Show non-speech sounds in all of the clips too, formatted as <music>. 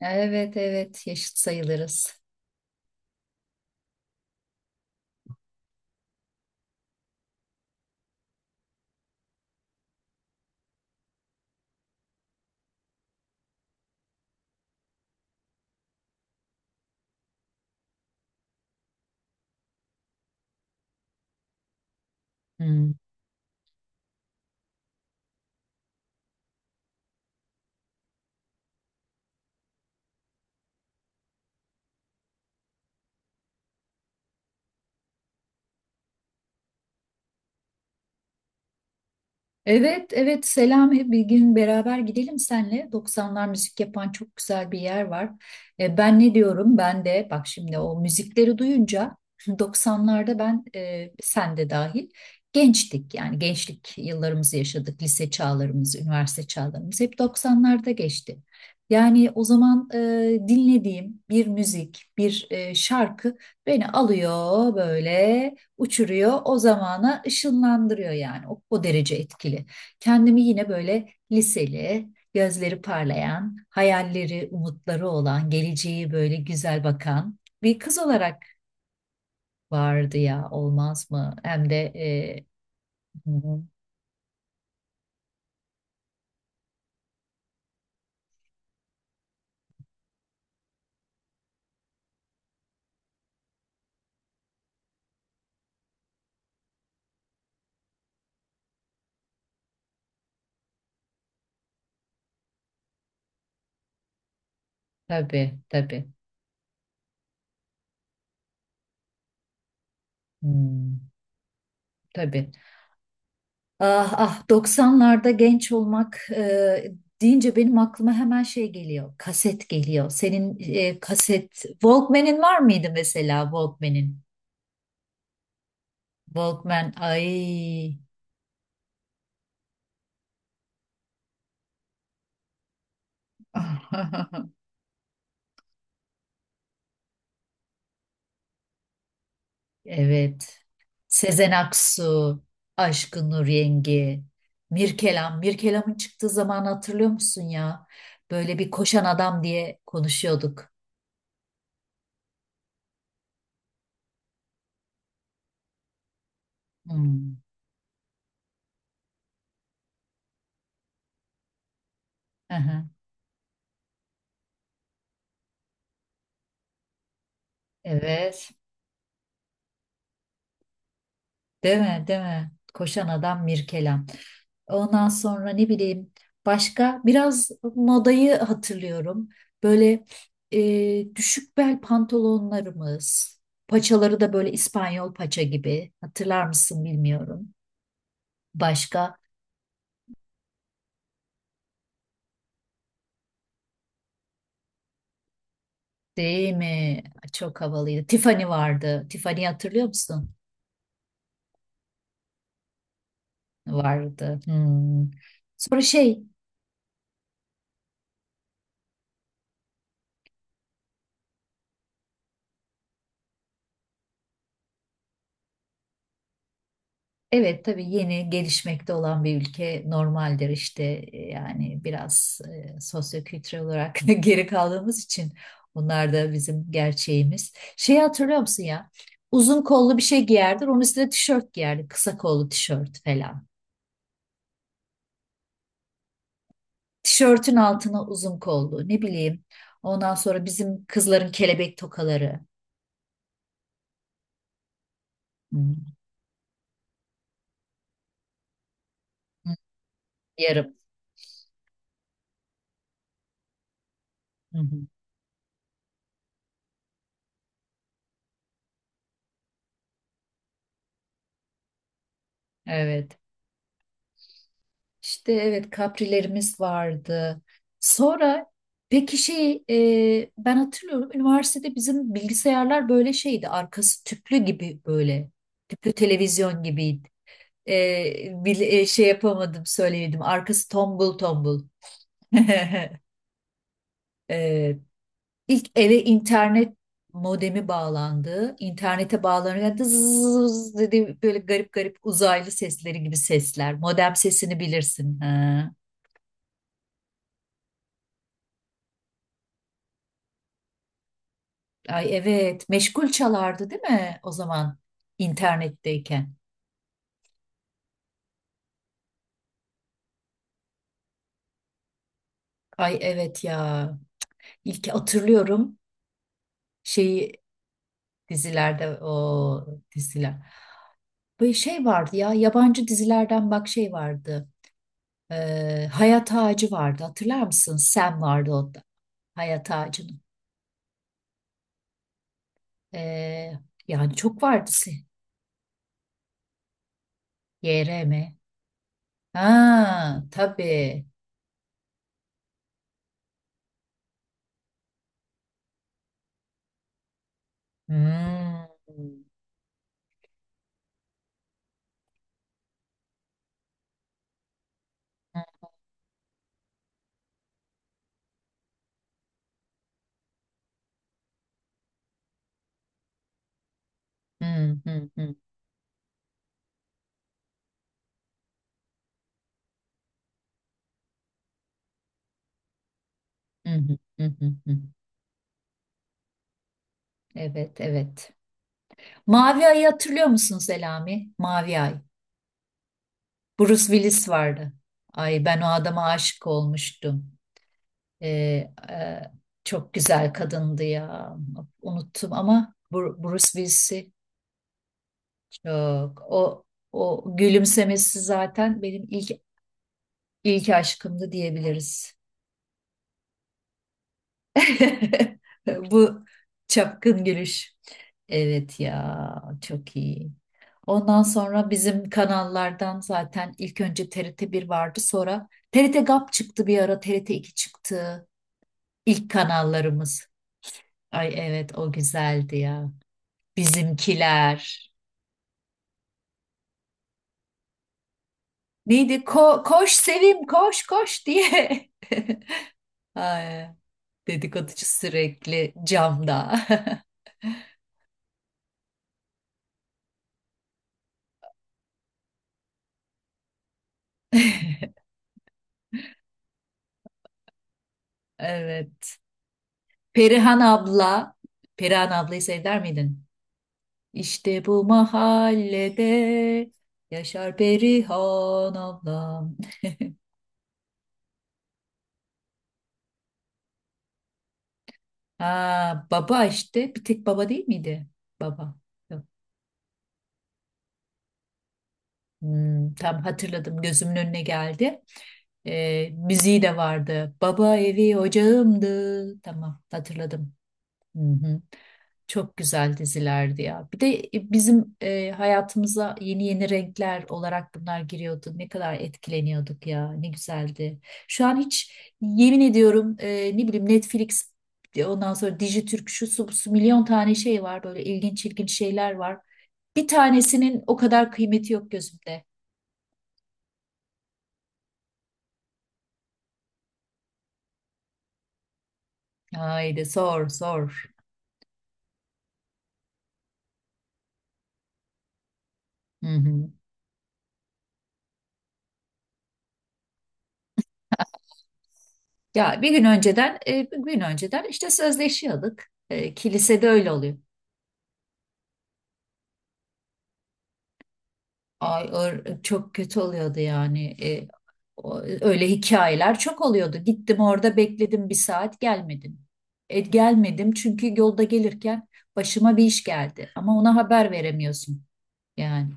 Evet evet yaşıt sayılırız. Hmm. Evet evet Selami bir gün beraber gidelim senle. 90'lar müzik yapan çok güzel bir yer var. Ben ne diyorum? Ben de bak şimdi o müzikleri duyunca <laughs> 90'larda ben sen de dahil gençtik. Yani gençlik yıllarımızı yaşadık. Lise çağlarımız, üniversite çağlarımız hep 90'larda geçti. Yani o zaman dinlediğim bir müzik, bir şarkı beni alıyor böyle uçuruyor. O zamana ışınlandırıyor yani. O derece etkili. Kendimi yine böyle liseli, gözleri parlayan, hayalleri, umutları olan, geleceği böyle güzel bakan bir kız olarak vardı ya olmaz mı? Hem de hı hı, tabii tabii. Hmm, tabii. Ah ah doksanlarda genç olmak deyince benim aklıma hemen şey geliyor. Kaset geliyor. Senin kaset Walkman'in var mıydı mesela Walkman'in? Walkman ay. <laughs> Evet. Sezen Aksu, Aşkın Nur Yengi, Mirkelam. Mirkelam'ın çıktığı zaman hatırlıyor musun ya? Böyle bir koşan adam diye konuşuyorduk. Hmm. Aha. Evet. Değil mi? Değil mi? Koşan adam Mirkelam. Ondan sonra ne bileyim başka biraz modayı hatırlıyorum. Böyle düşük bel pantolonlarımız, paçaları da böyle İspanyol paça gibi. Hatırlar mısın bilmiyorum. Başka değil mi? Çok havalıydı. Tiffany vardı. Tiffany hatırlıyor musun? Vardı. Hmm. Sonra şey evet tabii yeni gelişmekte olan bir ülke normaldir işte yani biraz sosyokültürel olarak <laughs> geri kaldığımız için bunlar da bizim gerçeğimiz. Şeyi hatırlıyor musun ya? Uzun kollu bir şey giyerdir, onun üstüne tişört giyerdi, kısa kollu tişört falan. Tişörtün altına uzun kollu, ne bileyim. Ondan sonra bizim kızların kelebek tokaları. Hı, hı, yarım. Hı hı. Evet. İşte evet kaprilerimiz vardı. Sonra peki şey ben hatırlıyorum üniversitede bizim bilgisayarlar böyle şeydi arkası tüplü gibi böyle tüplü televizyon gibiydi. E, şey yapamadım söyleyemedim arkası tombul tombul. <laughs> e, ilk eve internet modemi bağlandı. İnternete bağlanınca zzzz dedi böyle garip garip uzaylı sesleri gibi sesler. Modem sesini bilirsin. Ha. Ay evet, meşgul çalardı değil mi o zaman internetteyken? Ay evet ya. İlk hatırlıyorum şeyi dizilerde o diziler. Böyle şey vardı ya yabancı dizilerden bak şey vardı. Hayat Ağacı vardı hatırlar mısın? Sam vardı o da. Hayat Ağacı'nın. Ee, Yani çok vardı. YRM. Ha tabii. Hmm. Hmm, hmm, hmm, hmm, hmm, hmm, hmm, hmm. Evet, evet. Mavi Ay'ı hatırlıyor musun Selami? Mavi Ay. Bruce Willis vardı. Ay ben o adama aşık olmuştum. Ee, e, Çok güzel kadındı ya. Unuttum ama Bruce Willis'i çok. O gülümsemesi zaten benim ilk aşkımdı diyebiliriz. <laughs> Bu çapkın gülüş. Evet ya çok iyi. Ondan sonra bizim kanallardan zaten ilk önce TRT 1 vardı sonra TRT GAP çıktı bir ara TRT 2 çıktı. İlk kanallarımız. Ay evet o güzeldi ya. Bizimkiler. Neydi? Koş Sevim koş koş diye. <laughs> Ay, dedikoducu sürekli camda. <laughs> Evet. Perihan abla, Perihan ablayı sever miydin? İşte bu mahallede yaşar Perihan ablam. Ha, baba işte bir tek baba değil miydi? Baba. Yok. Hmm, tam hatırladım gözümün önüne geldi. Müziği de vardı. Baba evi ocağımdı. Tamam hatırladım. Hı hı. Çok güzel dizilerdi ya. Bir de bizim hayatımıza yeni yeni renkler olarak bunlar giriyordu. Ne kadar etkileniyorduk ya. Ne güzeldi. Şu an hiç yemin ediyorum ne bileyim Netflix, ondan sonra Dijitürk şu su, bu su milyon tane şey var. Böyle ilginç ilginç şeyler var. Bir tanesinin o kadar kıymeti yok gözümde. Haydi sor sor. Hı hı. Ya bir gün önceden işte sözleşiyorduk. E, kilisede öyle oluyor. Çok kötü oluyordu yani. Öyle hikayeler çok oluyordu. Gittim orada bekledim bir saat gelmedin. E, gelmedim çünkü yolda gelirken başıma bir iş geldi. Ama ona haber veremiyorsun yani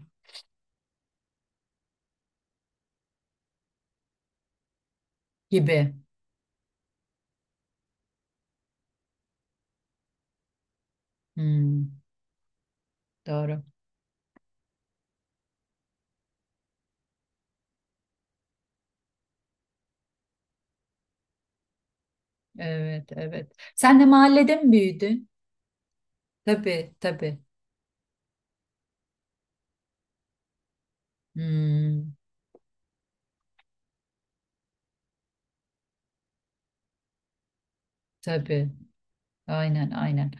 gibi. Hmm, doğru. Evet, evet. Sen de mahallede mi büyüdün? Tabii, tabii. Hmm, tabii. Aynen, aynen.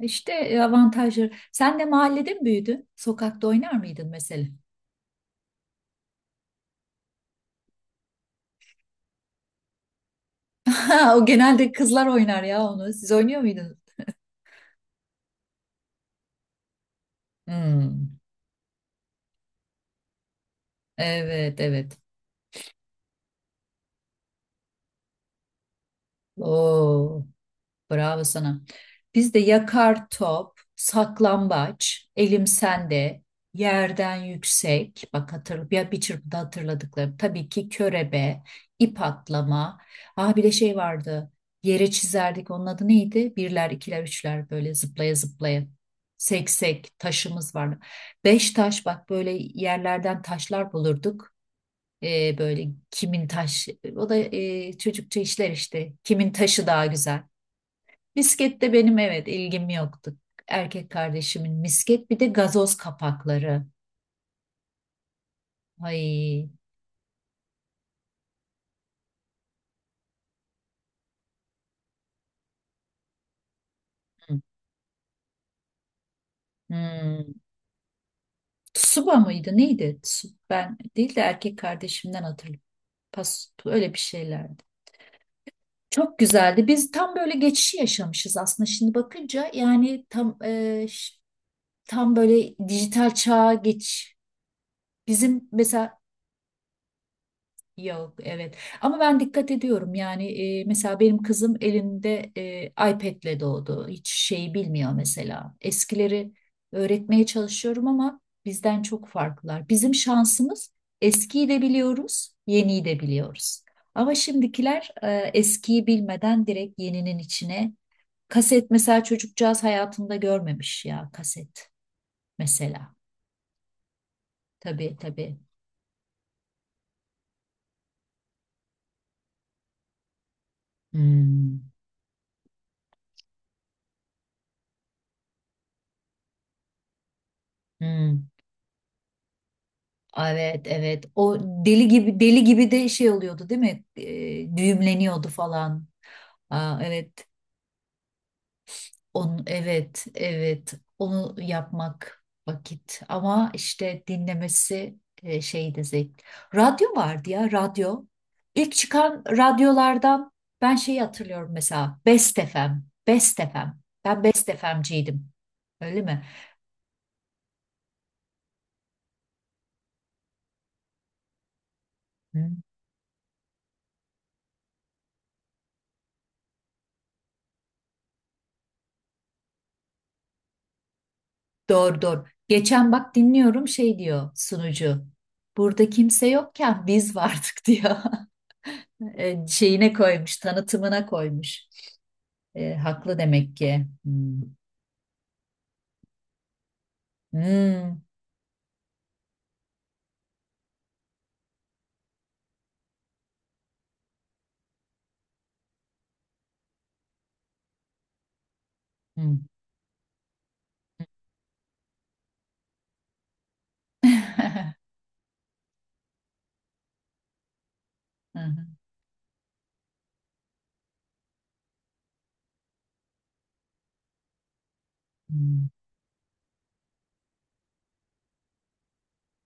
İşte avantajları. Sen de mahallede mi büyüdün? Sokakta oynar mıydın mesela? <laughs> Ha, o genelde kızlar oynar ya onu. Siz oynuyor muydunuz? Hmm. Evet evet. Oo. Bravo sana. Bizde yakar top, saklambaç, elim sende, yerden yüksek. Bak bir çırpıda hatırladıklarım. Tabii ki körebe, ip atlama. Ah bir de şey vardı. Yere çizerdik. Onun adı neydi? Birler, ikiler, üçler böyle zıplaya zıplaya. Seksek taşımız vardı. Beş taş bak böyle yerlerden taşlar bulurduk. Böyle kimin taş, çocukça işler işte. Kimin taşı daha güzel. Misket de benim evet ilgim yoktu. Erkek kardeşimin misket bir de gazoz kapakları. Ay. Hı. Hmm. Tsuba mıydı neydi? Ben değil de erkek kardeşimden hatırlıyorum. Pas, öyle bir şeylerdi. Çok güzeldi. Biz tam böyle geçişi yaşamışız aslında şimdi bakınca. Tam böyle dijital çağa geç. Bizim mesela yok evet, ama ben dikkat ediyorum yani mesela benim kızım elinde iPad'le doğdu hiç şeyi bilmiyor mesela eskileri öğretmeye çalışıyorum ama bizden çok farklılar bizim şansımız eskiyi de biliyoruz yeniyi de biliyoruz ama şimdikiler, eskiyi bilmeden direkt yeninin içine kaset mesela çocukcağız hayatında görmemiş ya kaset mesela tabii tabii. Hmm, hmm. Evet evet o deli gibi deli gibi de şey oluyordu değil mi? Düğümleniyordu falan. Aa, evet onu evet evet onu yapmak vakit ama işte dinlemesi şeydi zevk. Radyo vardı ya radyo. İlk çıkan radyolardan ben şeyi hatırlıyorum mesela Best FM. Best FM. Ben Best FM'ciydim. Öyle mi? Doğru doğru. Geçen bak dinliyorum şey diyor sunucu. Burada kimse yokken biz vardık <laughs> diyor. Şeyine koymuş, tanıtımına koymuş. Haklı demek ki. Hmm. Hmm. Hmm. <laughs> Hı hı. Hmm.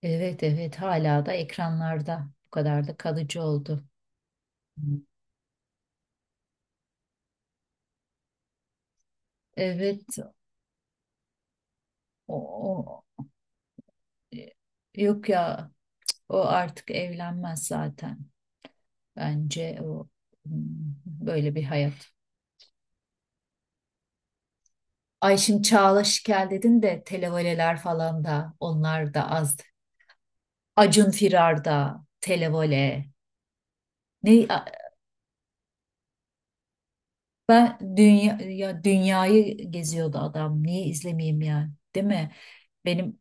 Evet evet hala da ekranlarda bu kadar da kalıcı oldu. Hmm. Evet o, o- e, yok ya, o artık evlenmez zaten bence o, hmm, böyle bir hayat. Ay şimdi Çağla Şikel dedin de televoleler falan da onlar da az. Acun Firar'da televole. Ne a- Ben dünya, ya dünyayı geziyordu adam. Niye izlemeyeyim yani? Değil mi? Benim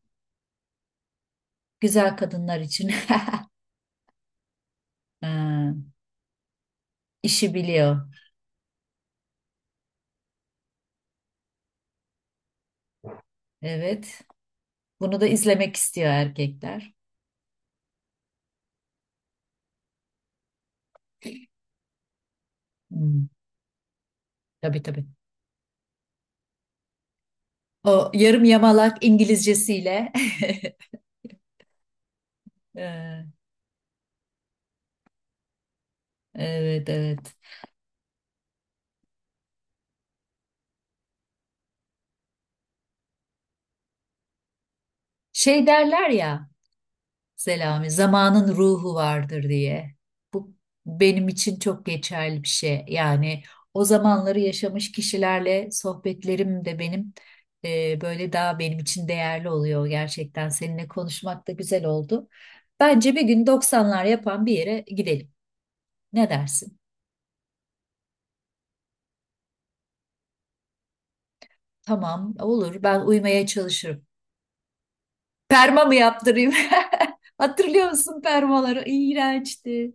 güzel kadınlar için. <laughs> Ha, işi biliyor. Evet. Bunu da izlemek istiyor erkekler. Hmm, tabii tabii. O yarım yamalak İngilizcesiyle. <laughs> Ee, Evet evet. Şey derler ya. Selami, zamanın ruhu vardır diye. Bu benim için çok geçerli bir şey. Yani o zamanları yaşamış kişilerle sohbetlerim de benim böyle daha benim için değerli oluyor gerçekten. Seninle konuşmak da güzel oldu. Bence bir gün 90'lar yapan bir yere gidelim. Ne dersin? Tamam, olur. Ben uymaya çalışırım. Perma mı yaptırayım? <laughs> Hatırlıyor musun permaları? İğrençti.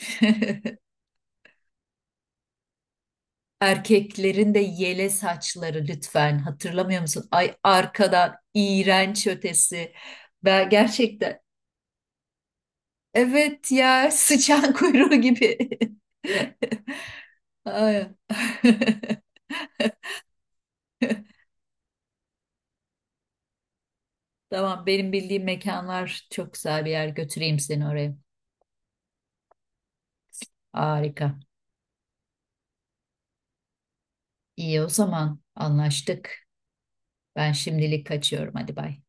<laughs> Erkeklerin de yele saçları lütfen hatırlamıyor musun? Ay arkadan iğrenç ötesi. Ben gerçekten evet ya, <laughs> sıçan kuyruğu gibi. <laughs> Ay. <laughs> Tamam benim bildiğim mekanlar çok güzel bir yer götüreyim seni oraya. Harika. İyi o zaman anlaştık. Ben şimdilik kaçıyorum hadi bay.